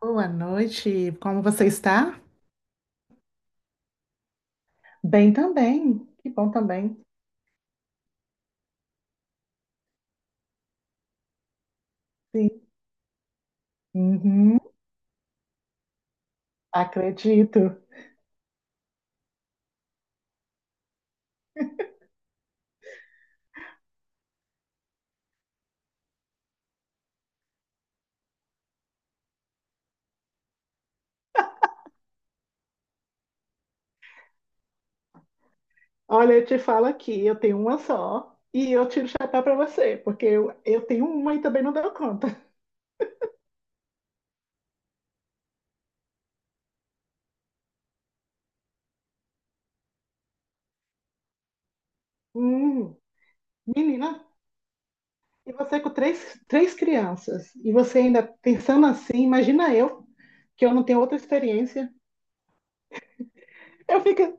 Boa noite, como você está? Bem também, que bom também, sim. Uhum, acredito. Olha, eu te falo aqui, eu tenho uma só e eu tiro o chapéu para você, porque eu tenho uma e também não deu conta. Hum, Menina, e você com três, três crianças, e você ainda pensando assim, imagina eu, que eu não tenho outra experiência. Eu fico,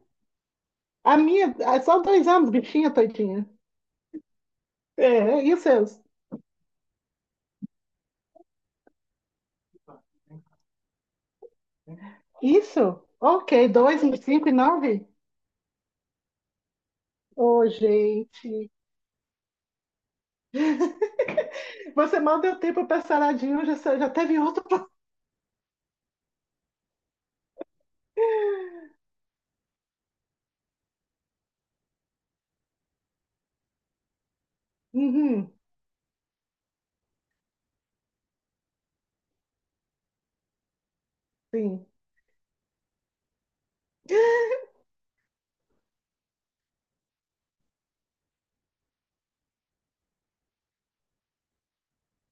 a minha, é só 2 anos, bichinha, tadinha. É, e os seus? Isso? Ok, 2, 5 e 9? Ô, gente. Você mal deu tempo para saradinho, já, já teve outro. Uhum, sim.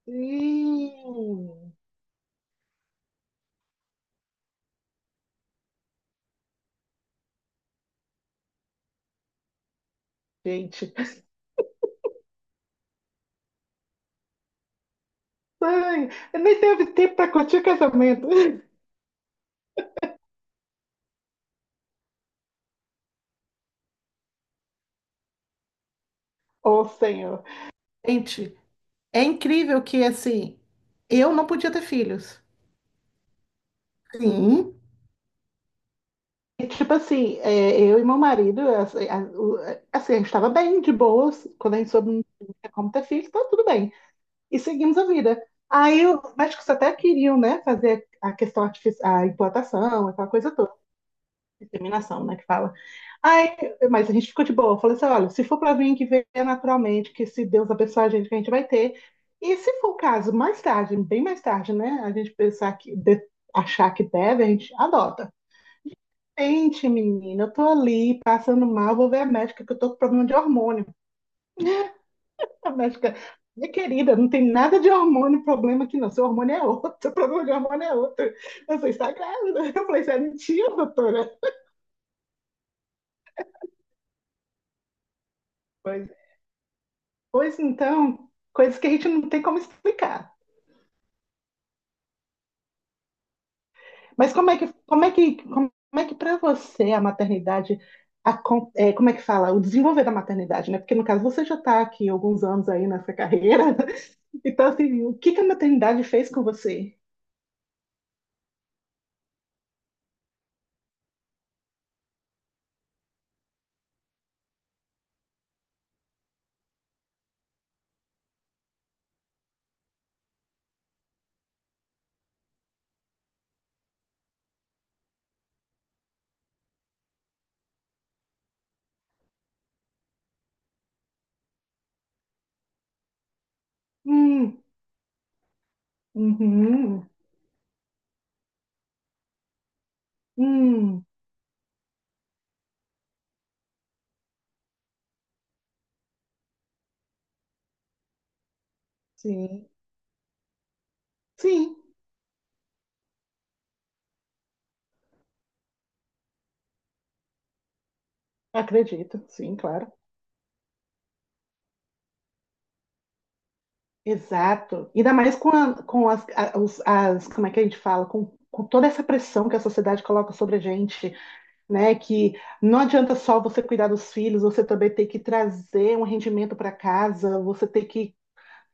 Sim. Gente. Ai, nem teve tempo para curtir o casamento. Ô, Senhor. Gente, é incrível que, assim, eu não podia ter filhos. Sim. E, tipo assim, eu e meu marido, assim, assim, a gente estava bem, de boas. Quando a gente soube não tinha como ter filhos, tá tudo bem, e seguimos a vida. Aí o os médicos até queriam, né, fazer a questão artificial, a implantação, aquela coisa toda, inseminação, né, que fala. Aí, mas a gente ficou de boa. Eu falei assim, olha, se for para vir, que venha naturalmente, que se Deus abençoar a gente, que a gente vai ter. E se for o caso, mais tarde, bem mais tarde, né, a gente pensar que, achar que deve, a gente adota. Gente, menina, eu tô ali passando mal, vou ver a médica que eu tô com problema de hormônio. A médica, minha querida, não tem nada de hormônio, problema aqui não. Seu hormônio é outro, seu problema de hormônio é outro. Você está grávida. Eu falei, isso é mentira, doutora. Pois, é. Pois então, coisas que a gente não tem como explicar. Mas como é que para você a maternidade, como é que fala, o desenvolver da maternidade, né? Porque no caso você já está aqui alguns anos aí nessa carreira. Então, assim, o que que a maternidade fez com você? Hum, uhum, hum, sim, sim. Acredito, sim, claro. Exato. Ainda mais com, com as, como é que a gente fala, com toda essa pressão que a sociedade coloca sobre a gente, né? Que não adianta só você cuidar dos filhos, você também tem que trazer um rendimento para casa, você tem que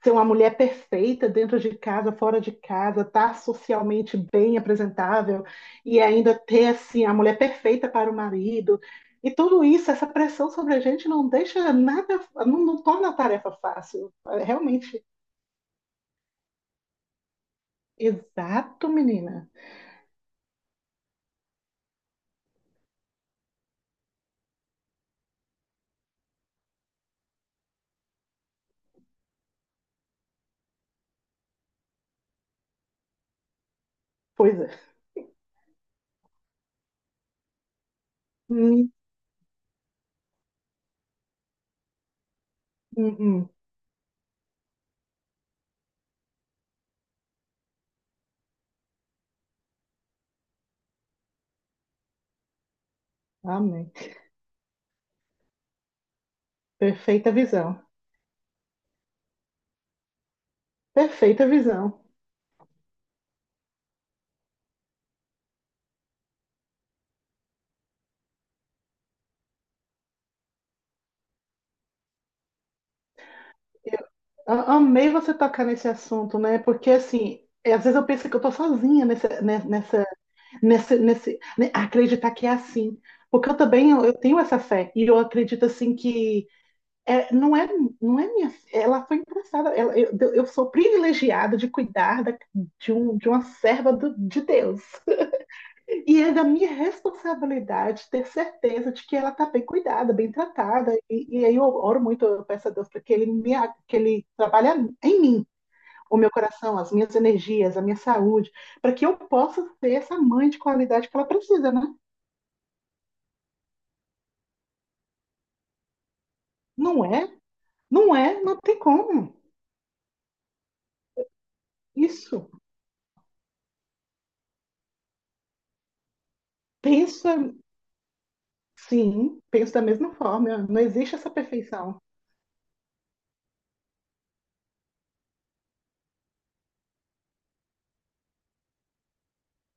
ser uma mulher perfeita dentro de casa, fora de casa, estar tá socialmente bem apresentável e ainda ter assim a mulher perfeita para o marido. E tudo isso, essa pressão sobre a gente não deixa nada, não torna a tarefa fácil. É realmente. Exato, menina. Pois é. Hum, hum, hum. Amém. Perfeita visão. Perfeita visão. Amei você tocar nesse assunto, né? Porque assim, às vezes eu penso que eu tô sozinha nessa, nesse, né, acreditar que é assim. Porque eu também tenho essa fé e eu acredito assim que não é minha, ela foi emprestada, ela, eu sou privilegiada de cuidar de uma serva de Deus, e é da minha responsabilidade ter certeza de que ela está bem cuidada, bem tratada, aí eu oro muito, eu peço a Deus para que ele me que ele trabalhe em mim, o meu coração, as minhas energias, a minha saúde, para que eu possa ser essa mãe de qualidade que ela precisa, né. Não é? Não é? Não tem como. Isso. Pensa, sim, pensa da mesma forma. Não existe essa perfeição.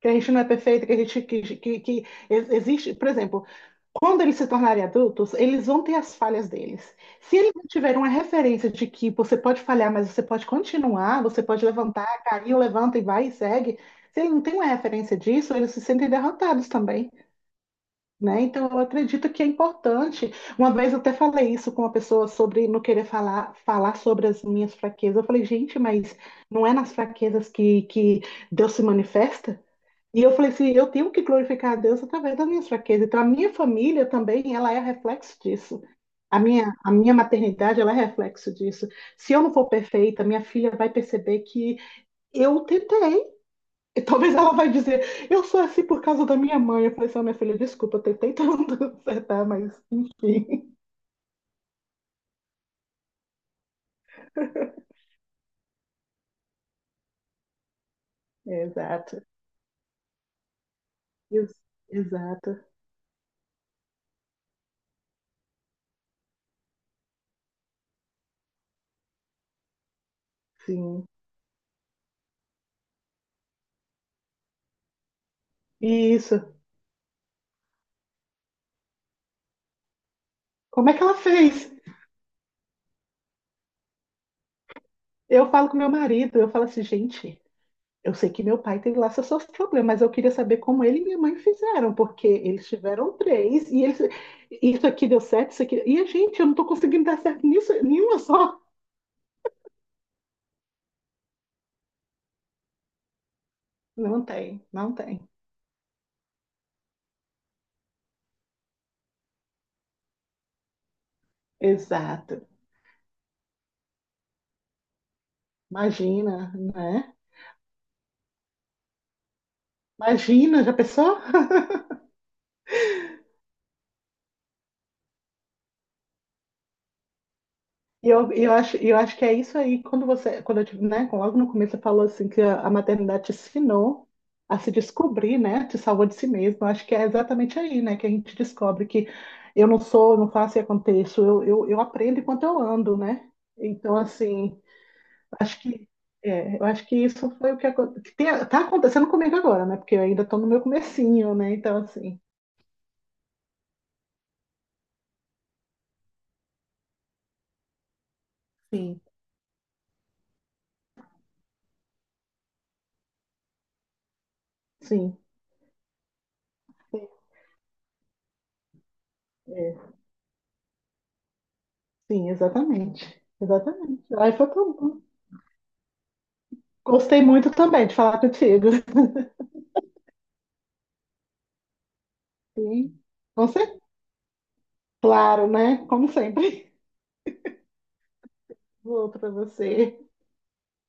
Que a gente não é perfeito, que a gente existe, por exemplo, quando eles se tornarem adultos, eles vão ter as falhas deles. Se eles não tiverem uma referência de que você pode falhar, mas você pode continuar, você pode levantar, caiu, levanta e vai e segue. Se eles não têm uma referência disso, eles se sentem derrotados também. Né? Então, eu acredito que é importante. Uma vez eu até falei isso com uma pessoa sobre não querer falar, falar sobre as minhas fraquezas. Eu falei, gente, mas não é nas fraquezas que, Deus se manifesta? E eu falei assim, eu tenho que glorificar a Deus através das minhas fraquezas. Então, a minha família também, ela é reflexo disso. A minha maternidade, ela é reflexo disso. Se eu não for perfeita, minha filha vai perceber que eu tentei, e talvez ela vai dizer, eu sou assim por causa da minha mãe. Eu falei assim, "Ó, minha filha, desculpa, eu tentei tanto acertar, mas enfim. Exato. Ex- exato. Sim. E isso. Como é que ela fez? Eu falo com meu marido, eu falo assim, gente, eu sei que meu pai tem lá seus problemas, mas eu queria saber como ele e minha mãe fizeram, porque eles tiveram três, e eles, isso aqui deu certo, isso aqui. E a gente, eu não tô conseguindo dar certo nisso, nenhuma só. Não tem, não tem. Exato. Imagina, né? Imagina, já pensou? E eu acho, que é isso aí, quando você, quando eu tive, né, logo no começo você falou assim que a maternidade te ensinou a se descobrir, né, te salvou de si mesmo. Eu acho que é exatamente aí, né, que a gente descobre que eu não sou, não faço e aconteço, eu aprendo enquanto eu ando, né? Então, assim, acho que, eu acho que isso foi o que, tá acontecendo comigo agora, né, porque eu ainda estou no meu comecinho, né, então, assim, sim, sim. É. Sim, exatamente. Exatamente. Aí foi tudo. Gostei muito também de falar contigo. Sim, com certeza. Claro, né? Como sempre. Vou para você.